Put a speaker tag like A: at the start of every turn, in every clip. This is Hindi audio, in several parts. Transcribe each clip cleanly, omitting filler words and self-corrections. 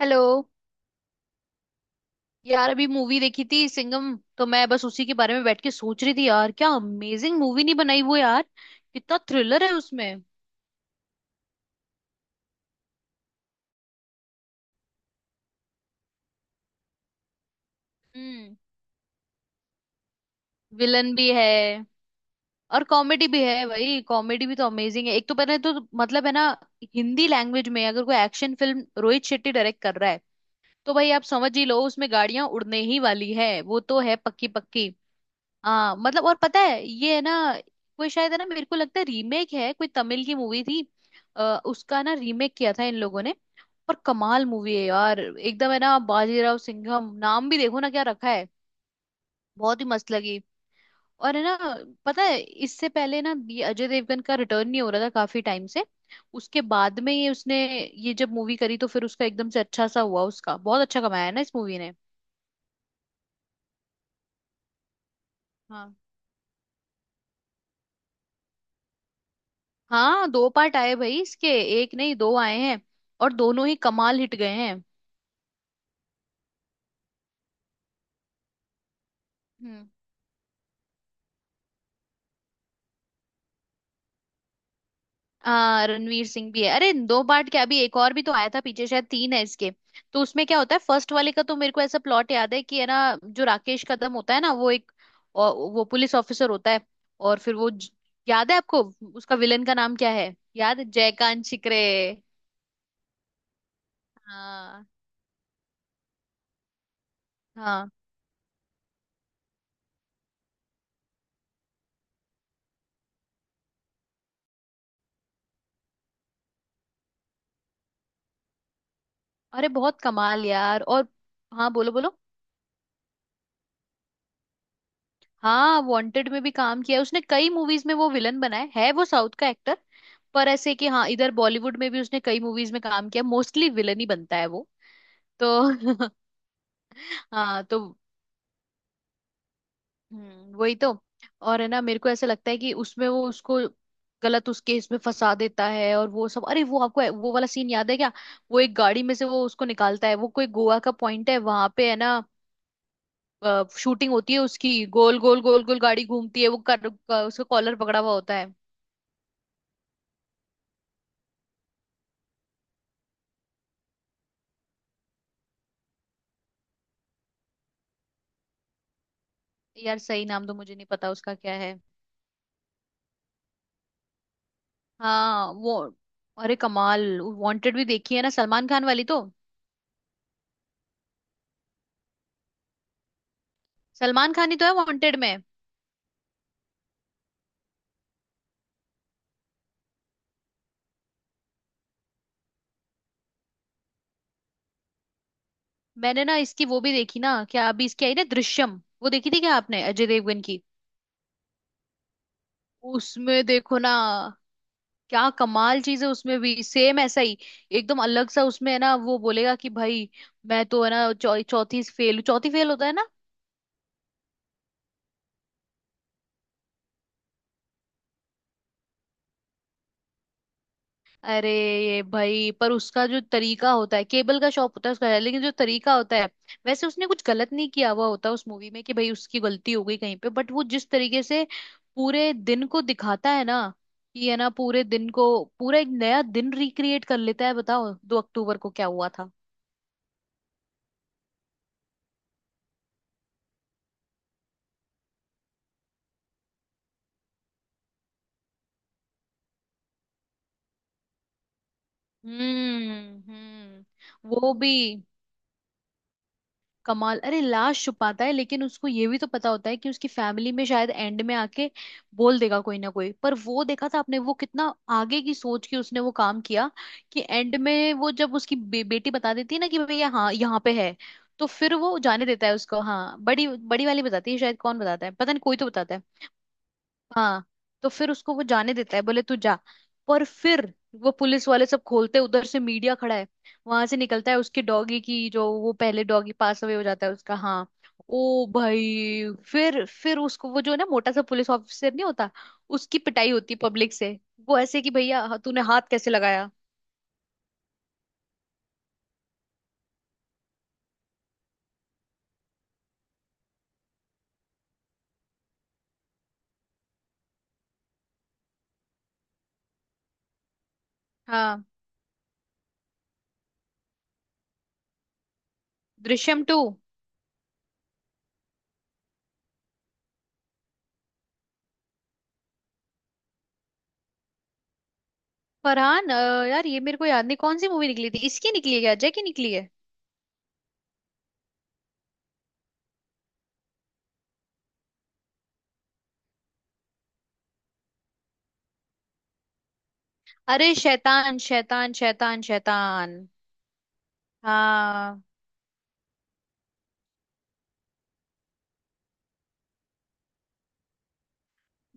A: हेलो। यार, अभी मूवी देखी थी सिंघम, तो मैं बस उसी के बारे में बैठ के सोच रही थी। यार, क्या अमेजिंग मूवी नहीं बनाई वो यार। कितना थ्रिलर है उसमें। हम्म। विलन भी है। और कॉमेडी भी है भाई, कॉमेडी भी तो अमेजिंग है। एक तो पहले तो मतलब है ना, हिंदी लैंग्वेज में अगर कोई action film Rohit Shetty direct कर रहा है तो भाई आप समझ ही लो, उसमें गाड़ियां उड़ने ही वाली है, वो तो है पक्की पक्की। हाँ मतलब, और पता है ये है ना, कोई शायद है ना, मेरे को लगता है रीमेक है, कोई तमिल की मूवी थी। उसका ना रीमेक किया था इन लोगों ने। पर कमाल मूवी है यार, एकदम है ना। बाजीराव सिंघम नाम भी देखो ना क्या रखा है। बहुत ही मस्त लगी। और है ना, पता है इससे पहले ना ये अजय देवगन का रिटर्न नहीं हो रहा था काफी टाइम से। उसके बाद में ये उसने, ये जब मूवी करी तो फिर उसका एकदम से अच्छा सा हुआ, उसका बहुत अच्छा कमाया है ना इस मूवी ने। हाँ। हाँ, दो पार्ट आए भाई इसके। एक नहीं दो आए हैं। और दोनों ही कमाल हिट गए हैं। हम्म। रणवीर सिंह भी है। अरे दो पार्ट क्या, अभी एक और भी तो आया था पीछे, शायद तीन है इसके। तो उसमें क्या होता है, फर्स्ट वाले का तो मेरे को ऐसा प्लॉट याद है कि है ना, जो राकेश कदम होता है ना वो एक, और वो पुलिस ऑफिसर होता है। और फिर याद है आपको? उसका विलन का नाम क्या है, याद है? जयकांत शिकरे। हाँ। हाँ, अरे बहुत कमाल यार। और हाँ, बोलो बोलो। हाँ, वांटेड में भी काम किया है उसने, कई मूवीज में वो विलन बना है वो साउथ का एक्टर। पर ऐसे कि हाँ, इधर बॉलीवुड में भी उसने कई मूवीज में काम किया, मोस्टली विलन ही बनता है वो। तो हाँ तो। वही तो। और है ना, मेरे को ऐसा लगता है कि उसमें वो उसको गलत उस केस में फंसा देता है और वो सब। अरे वो, आपको वो वाला सीन याद है क्या? वो एक गाड़ी में से वो उसको निकालता है, वो कोई गोवा का पॉइंट है वहां पे, है ना, शूटिंग होती है उसकी। गोल गोल गोल गोल गाड़ी घूमती है, उसका कॉलर पकड़ा हुआ होता है। यार सही नाम तो मुझे नहीं पता उसका क्या है। हाँ वो, अरे कमाल। वांटेड भी देखी है ना, सलमान खान वाली तो। सलमान खान ही तो है वांटेड में। मैंने ना इसकी वो भी देखी ना, क्या अभी इसकी आई ना दृश्यम, वो देखी थी क्या आपने अजय देवगन की? उसमें देखो ना, क्या कमाल चीज है। उसमें भी सेम ऐसा ही, एकदम अलग सा उसमें है ना। वो बोलेगा कि भाई मैं तो है ना चौथी फेल, चौथी फेल होता है। अरे ये भाई, पर उसका जो तरीका होता है, केबल का शॉप होता है उसका, है लेकिन जो तरीका होता है, वैसे उसने कुछ गलत नहीं किया हुआ होता उस मूवी में कि भाई उसकी गलती हो गई कहीं पे, बट वो जिस तरीके से पूरे दिन को दिखाता है ना, कि है ना पूरे दिन को, पूरा एक नया दिन रिक्रिएट कर लेता है। बताओ 2 अक्टूबर को क्या हुआ था। हम्म, हम्म। वो भी कमाल। अरे लाश छुपाता है, लेकिन उसको ये भी तो पता होता है कि उसकी फैमिली में शायद एंड में आके बोल देगा कोई ना कोई। पर वो देखा था आपने, वो कितना आगे की सोच के उसने वो काम किया। कि एंड में वो जब उसकी बेटी बता देती है ना, कि भैया हाँ यहाँ पे है। तो फिर वो जाने देता है उसको। हाँ, बड़ी बड़ी वाली बताती है शायद, कौन बताता है पता नहीं, कोई तो बताता है। हाँ। तो फिर उसको वो जाने देता है, बोले तू जा। पर फिर वो पुलिस वाले सब खोलते, उधर से मीडिया खड़ा है, वहां से निकलता है उसकी डॉगी की, जो वो पहले डॉगी पास अवे हो जाता है उसका। हाँ। ओ भाई, फिर उसको वो जो है ना मोटा सा पुलिस ऑफिसर नहीं होता, उसकी पिटाई होती पब्लिक से। वो ऐसे कि भैया हाँ, तूने हाथ कैसे लगाया। हाँ। दृश्यम टू। फरहान यार ये मेरे को याद नहीं कौन सी मूवी निकली थी, इसकी निकली है क्या अजय की निकली है? अरे शैतान शैतान शैतान शैतान। हाँ।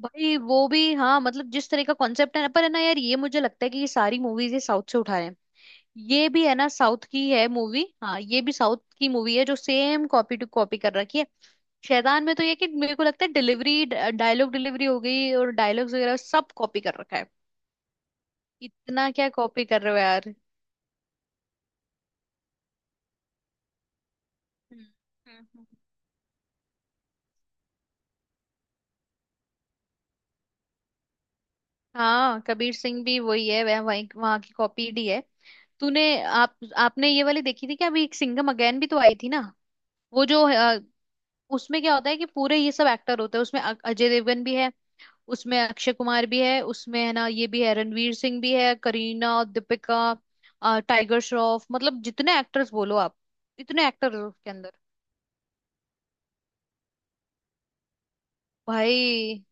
A: भाई वो भी हाँ मतलब, जिस तरह का कॉन्सेप्ट है ना, पर है ना यार ये मुझे लगता है कि ये सारी मूवीज ये साउथ से उठा रहे हैं। ये भी है ना साउथ की है मूवी। हाँ, ये भी साउथ की मूवी है जो सेम कॉपी टू कॉपी कर रखी है। शैतान में तो ये कि मेरे को लगता है डिलीवरी, डायलॉग डिलीवरी हो गई, और डायलॉग्स वगैरह सब कॉपी कर रखा है। इतना क्या कॉपी कर रहे हो यार। हम्म, हम्म, हम्म। हाँ कबीर सिंह भी वही है, वह वही वहां की कॉपी ही है। तूने आप आपने ये वाली देखी थी क्या, अभी एक सिंघम अगेन भी तो आई थी ना? वो जो, उसमें क्या होता है कि पूरे ये सब एक्टर होते हैं उसमें, अजय देवगन भी है। उसमें अक्षय कुमार भी है, उसमें है ना, ये भी है, रणवीर सिंह भी है, करीना, दीपिका, टाइगर श्रॉफ, मतलब जितने एक्टर्स बोलो आप, इतने एक्टर्स उसके अंदर। भाई,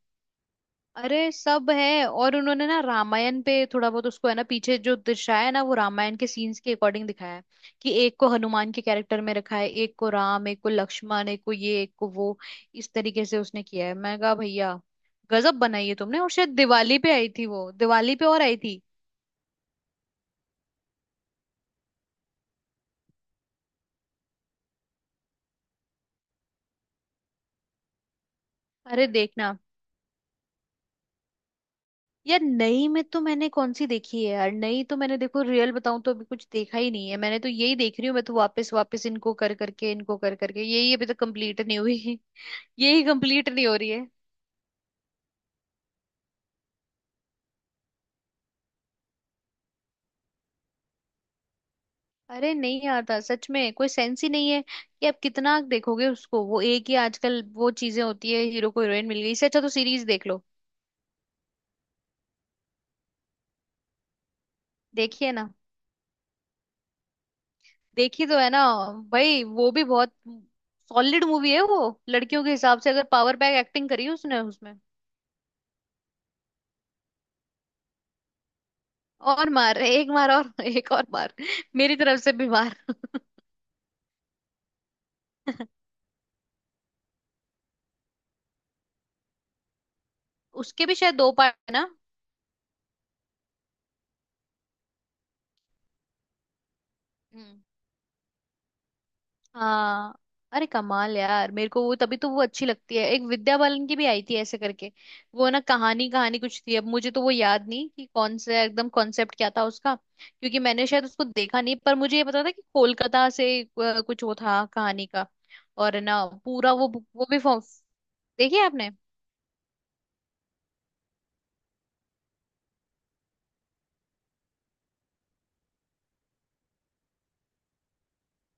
A: अरे सब है। और उन्होंने ना रामायण पे थोड़ा बहुत उसको, है ना, पीछे जो दर्शाया है ना, वो रामायण के सीन्स के अकॉर्डिंग दिखाया है। कि एक को हनुमान के कैरेक्टर में रखा है, एक को राम, एक को लक्ष्मण, एक को ये, एक को वो, इस तरीके से उसने किया है। मैं कहा भैया गजब बनाई है तुमने। और शायद दिवाली पे आई थी वो, दिवाली पे और आई थी। अरे देखना यार, नई में तो मैंने कौन सी देखी है यार, नई तो मैंने देखो, रियल बताऊं तो अभी कुछ देखा ही नहीं है मैंने, तो यही देख रही हूँ मैं तो, वापस वापस इनको कर करके यही अभी तक कंप्लीट नहीं हुई, यही कंप्लीट नहीं हो रही है। अरे नहीं आता सच में, कोई सेंस ही नहीं है कि आप कितना देखोगे उसको, वो एक ही आजकल वो चीजें होती है, हीरो को हीरोइन मिल गई। इससे अच्छा तो सीरीज देख लो। देखिए ना। देखी तो है ना। भाई, वो भी बहुत सॉलिड मूवी है वो। लड़कियों के हिसाब से अगर, पावर बैक एक्टिंग करी उसने उसमें। और मार, एक मार और एक और मार। मेरी तरफ से भी मार। उसके भी शायद दो पार्ट है ना। हम्म। हाँ, अरे कमाल यार, मेरे को वो तभी तो वो अच्छी लगती है। एक विद्या बालन की भी आई थी ऐसे करके। वो ना कहानी कहानी कुछ थी, अब मुझे तो वो याद नहीं कि कौन सा एकदम कॉन्सेप्ट क्या था उसका, क्योंकि मैंने शायद उसको देखा नहीं, पर मुझे ये पता था कि कोलकाता से कुछ वो था कहानी का। और ना पूरा वो भी फॉर्म। देखी है आपने?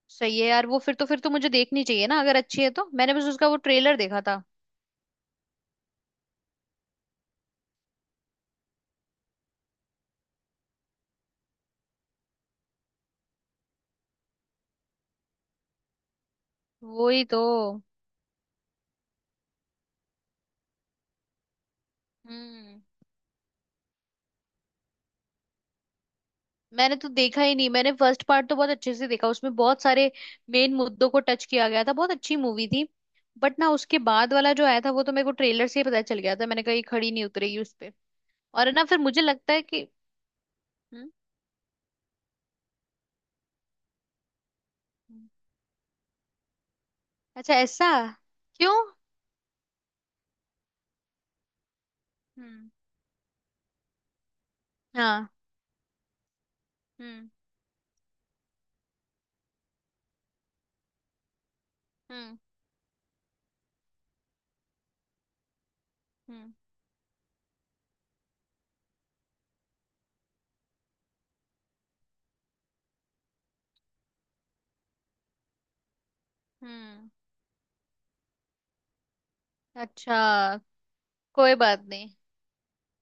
A: सही है यार, वो फिर तो मुझे देखनी चाहिए ना अगर अच्छी है तो। मैंने बस उसका वो ट्रेलर देखा था। वही तो। हम्म। मैंने तो देखा ही नहीं, मैंने फर्स्ट पार्ट तो बहुत अच्छे से देखा, उसमें बहुत सारे मेन मुद्दों को टच किया गया था, बहुत अच्छी मूवी थी। बट ना उसके बाद वाला जो आया था वो तो मेरे को ट्रेलर से ही पता चल गया था, मैंने कहा ये खड़ी नहीं उतरेगी उस पे। और है ना, फिर मुझे लगता है कि। हम्म, हम्म। अच्छा। ऐसा क्यों? हम्म। हाँ। हम्म, हम्म, हम्म, हम्म। अच्छा। कोई बात नहीं।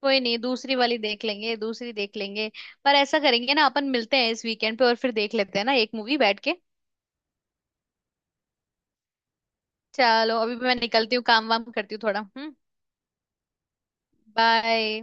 A: कोई नहीं, दूसरी वाली देख लेंगे, दूसरी देख लेंगे। पर ऐसा करेंगे ना, अपन मिलते हैं इस वीकेंड पे और फिर देख लेते हैं ना एक मूवी बैठ के। चलो अभी मैं निकलती हूँ, काम वाम करती हूँ थोड़ा। हम्म। बाय।